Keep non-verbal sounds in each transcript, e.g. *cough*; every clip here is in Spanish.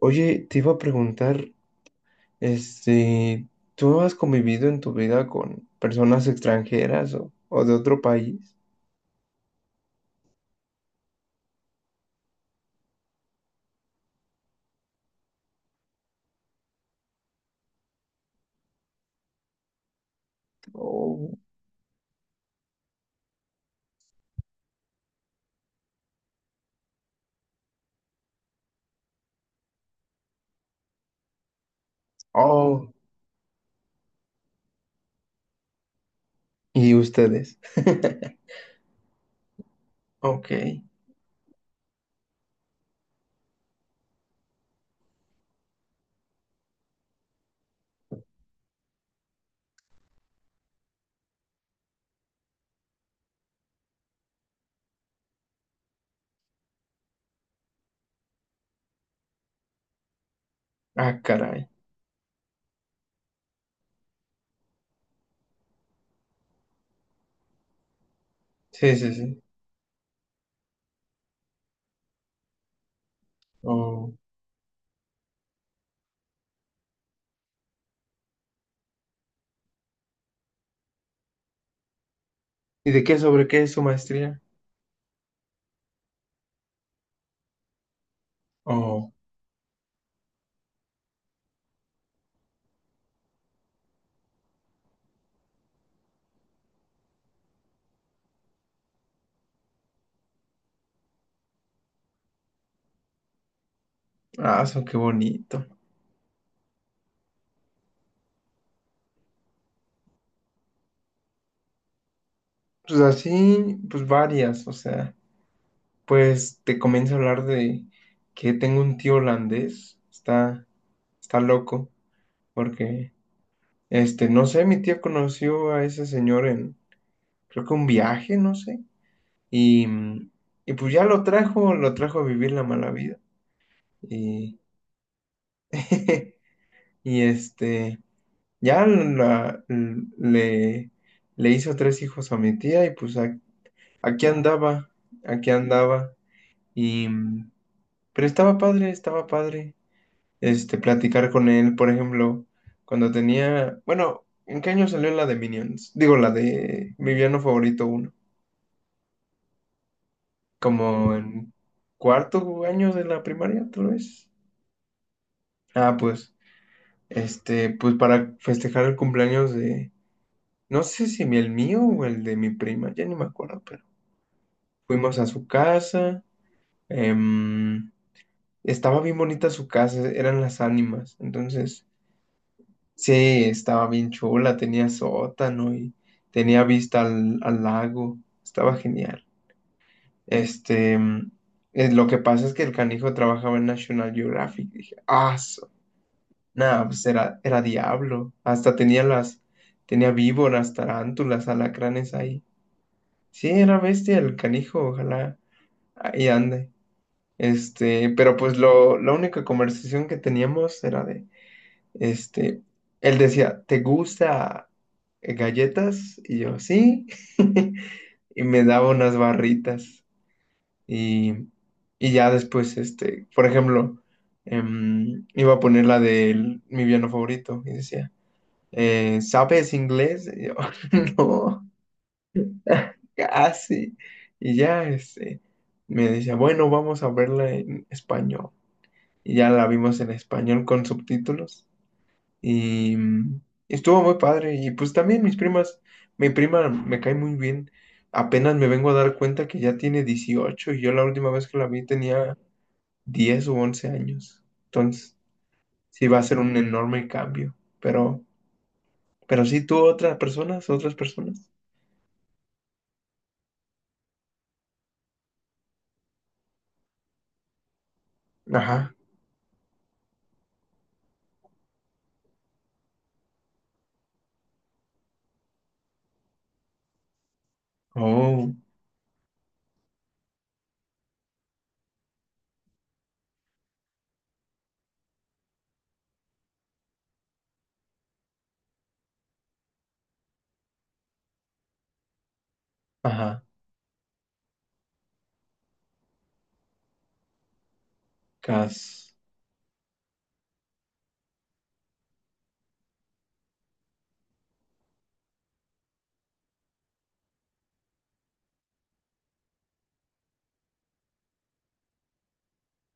Oye, te iba a preguntar, este, ¿tú no has convivido en tu vida con personas extranjeras o de otro país? Oh, oh, ¿y ustedes? Ok, ah, caray. Sí, sí, sí. Oh. ¿Y de qué, sobre qué es su maestría? Oh, ah, eso, qué bonito. Pues así, pues varias, o sea, pues te comienzo a hablar de que tengo un tío holandés, está loco, porque... no sé, mi tía conoció a ese señor en, creo que un viaje, no sé. Y, mm, y pues ya lo trajo a vivir la mala vida. Y, *laughs* y este, ya le, le hizo tres hijos a mi tía y pues aquí andaba, aquí andaba. Y, mm, pero estaba padre, platicar con él, por ejemplo, cuando tenía, bueno, ¿en qué año salió la de Minions? Digo, la de mi villano favorito como en cuarto año de la primaria, tal vez. Ah, pues, para festejar el cumpleaños de, no sé si el mío o el de mi prima, ya ni me acuerdo, pero fuimos a su casa, em, estaba bien bonita su casa, eran las ánimas, entonces, sí, estaba bien chula, tenía sótano y tenía vista al, al lago, estaba genial. Este, em, lo que pasa es que el canijo trabajaba en National Geographic. Dije, ah, nada, pues era, era diablo. Hasta tenía víboras, tarántulas, alacranes ahí. Sí, era bestia el canijo, ojalá ahí ande. Pero pues la única conversación que teníamos era de, este, él decía, ¿te gusta galletas? Y yo, sí. *laughs* Y me daba unas barritas. Y, y ya después, por ejemplo, iba a poner la de mi piano favorito y decía, eh, ¿sabes inglés? Y yo, *laughs* no, *laughs* casi. Y ya, me decía, bueno, vamos a verla en español. Y ya la vimos en español con subtítulos. Y estuvo muy padre. Y pues también mis primas, mi prima me cae muy bien. Apenas me vengo a dar cuenta que ya tiene 18 y yo la última vez que la vi tenía 10 u 11 años. Entonces, sí va a ser un enorme cambio. Pero, pero sí, tú, otras personas, otras personas. Ajá. Oh, ajá. Cas.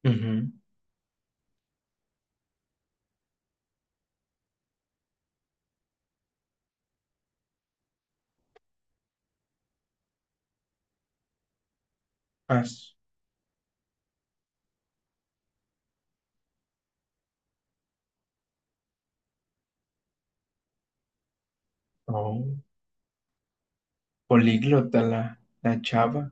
Ujú. As. Oh. Políglota la, la chava.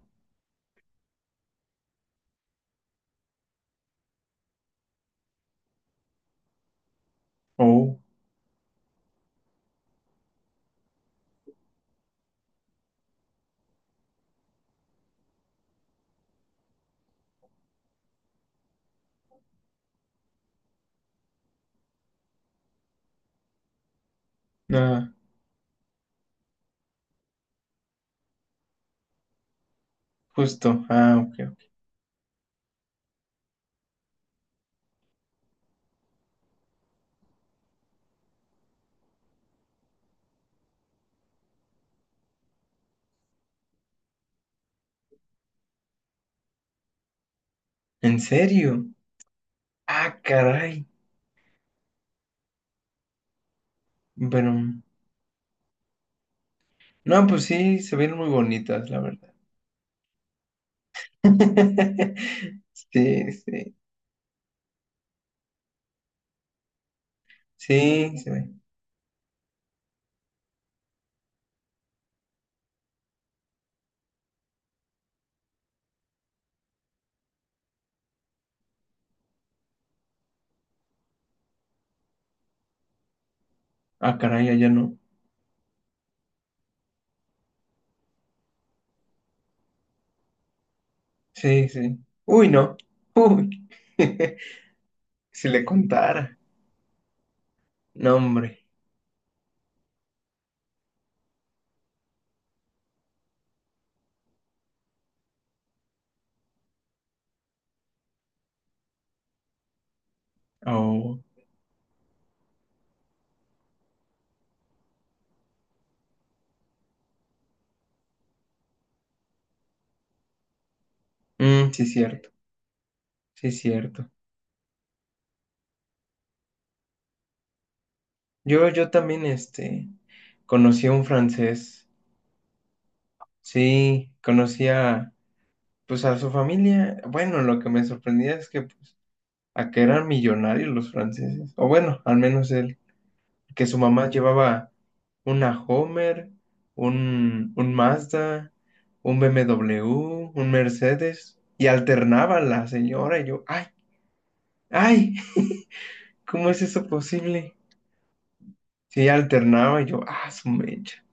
Oh. Ah, justo. Ah, ok. Ok. ¿En serio? Ah, caray. Pero. No, pues sí, se ven muy bonitas, la verdad. *laughs* Sí, sí. Sí, se ve. Ah, caray, allá no. Sí, sí. Uy, no. Uy. *laughs* Si le contara. No, hombre. Oh. Mm, sí, cierto. Sí, cierto. Yo también, conocí a un francés, sí, pues a su familia. Bueno, lo que me sorprendía es que, pues, a que eran millonarios los franceses, o bueno, al menos él, que su mamá llevaba una Homer, un Mazda, un BMW, un Mercedes, y alternaba la señora, y yo, ay, ay, ¿cómo es eso posible? Sí, alternaba, y yo, ah, su mecha,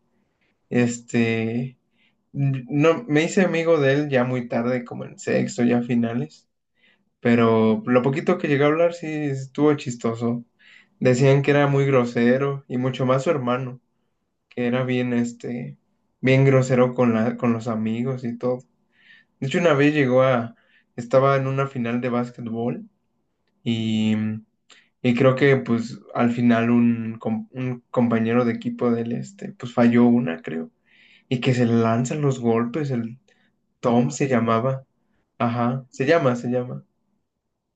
este... No, me hice amigo de él ya muy tarde, como en sexto, ya finales, pero lo poquito que llegué a hablar sí estuvo chistoso. Decían que era muy grosero y mucho más su hermano, que era bien, bien grosero con la, con los amigos y todo. De hecho, una vez estaba en una final de básquetbol y, y creo que pues al final un compañero de equipo del este, pues falló una, creo, y que se le lanzan los golpes, el Tom se llamaba. Ajá, se llama, se llama.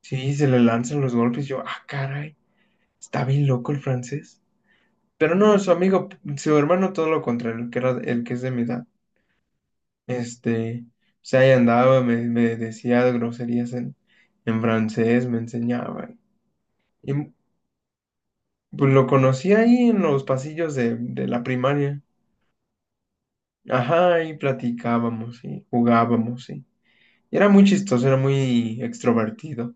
Sí, se le lanzan los golpes. Yo, ah, caray, está bien loco el francés. Pero no, su amigo, su hermano, todo lo contrario, el que era, el que es de mi edad. O sea, ahí andaba, me decía groserías en francés, me enseñaba. Y pues lo conocí ahí en los pasillos de la primaria. Ajá, y platicábamos, y jugábamos, sí. Y era muy chistoso, era muy extrovertido.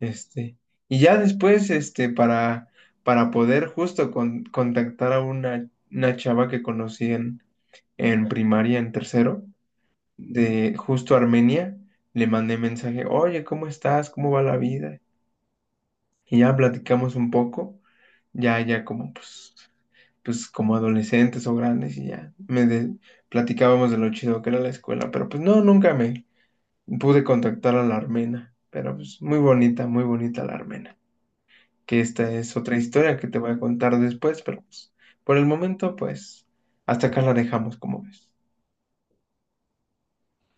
Este, y ya después, para poder justo contactar a una chava que conocí en primaria, en tercero, de justo Armenia, le mandé mensaje, oye, ¿cómo estás? ¿Cómo va la vida? Y ya platicamos un poco, ya como, pues, como adolescentes o grandes y ya, platicábamos de lo chido que era la escuela, pero pues no, nunca me pude contactar a la armena, pero pues muy bonita la armena que esta es otra historia que te voy a contar después, pero pues, por el momento, pues, hasta acá la dejamos, como ves.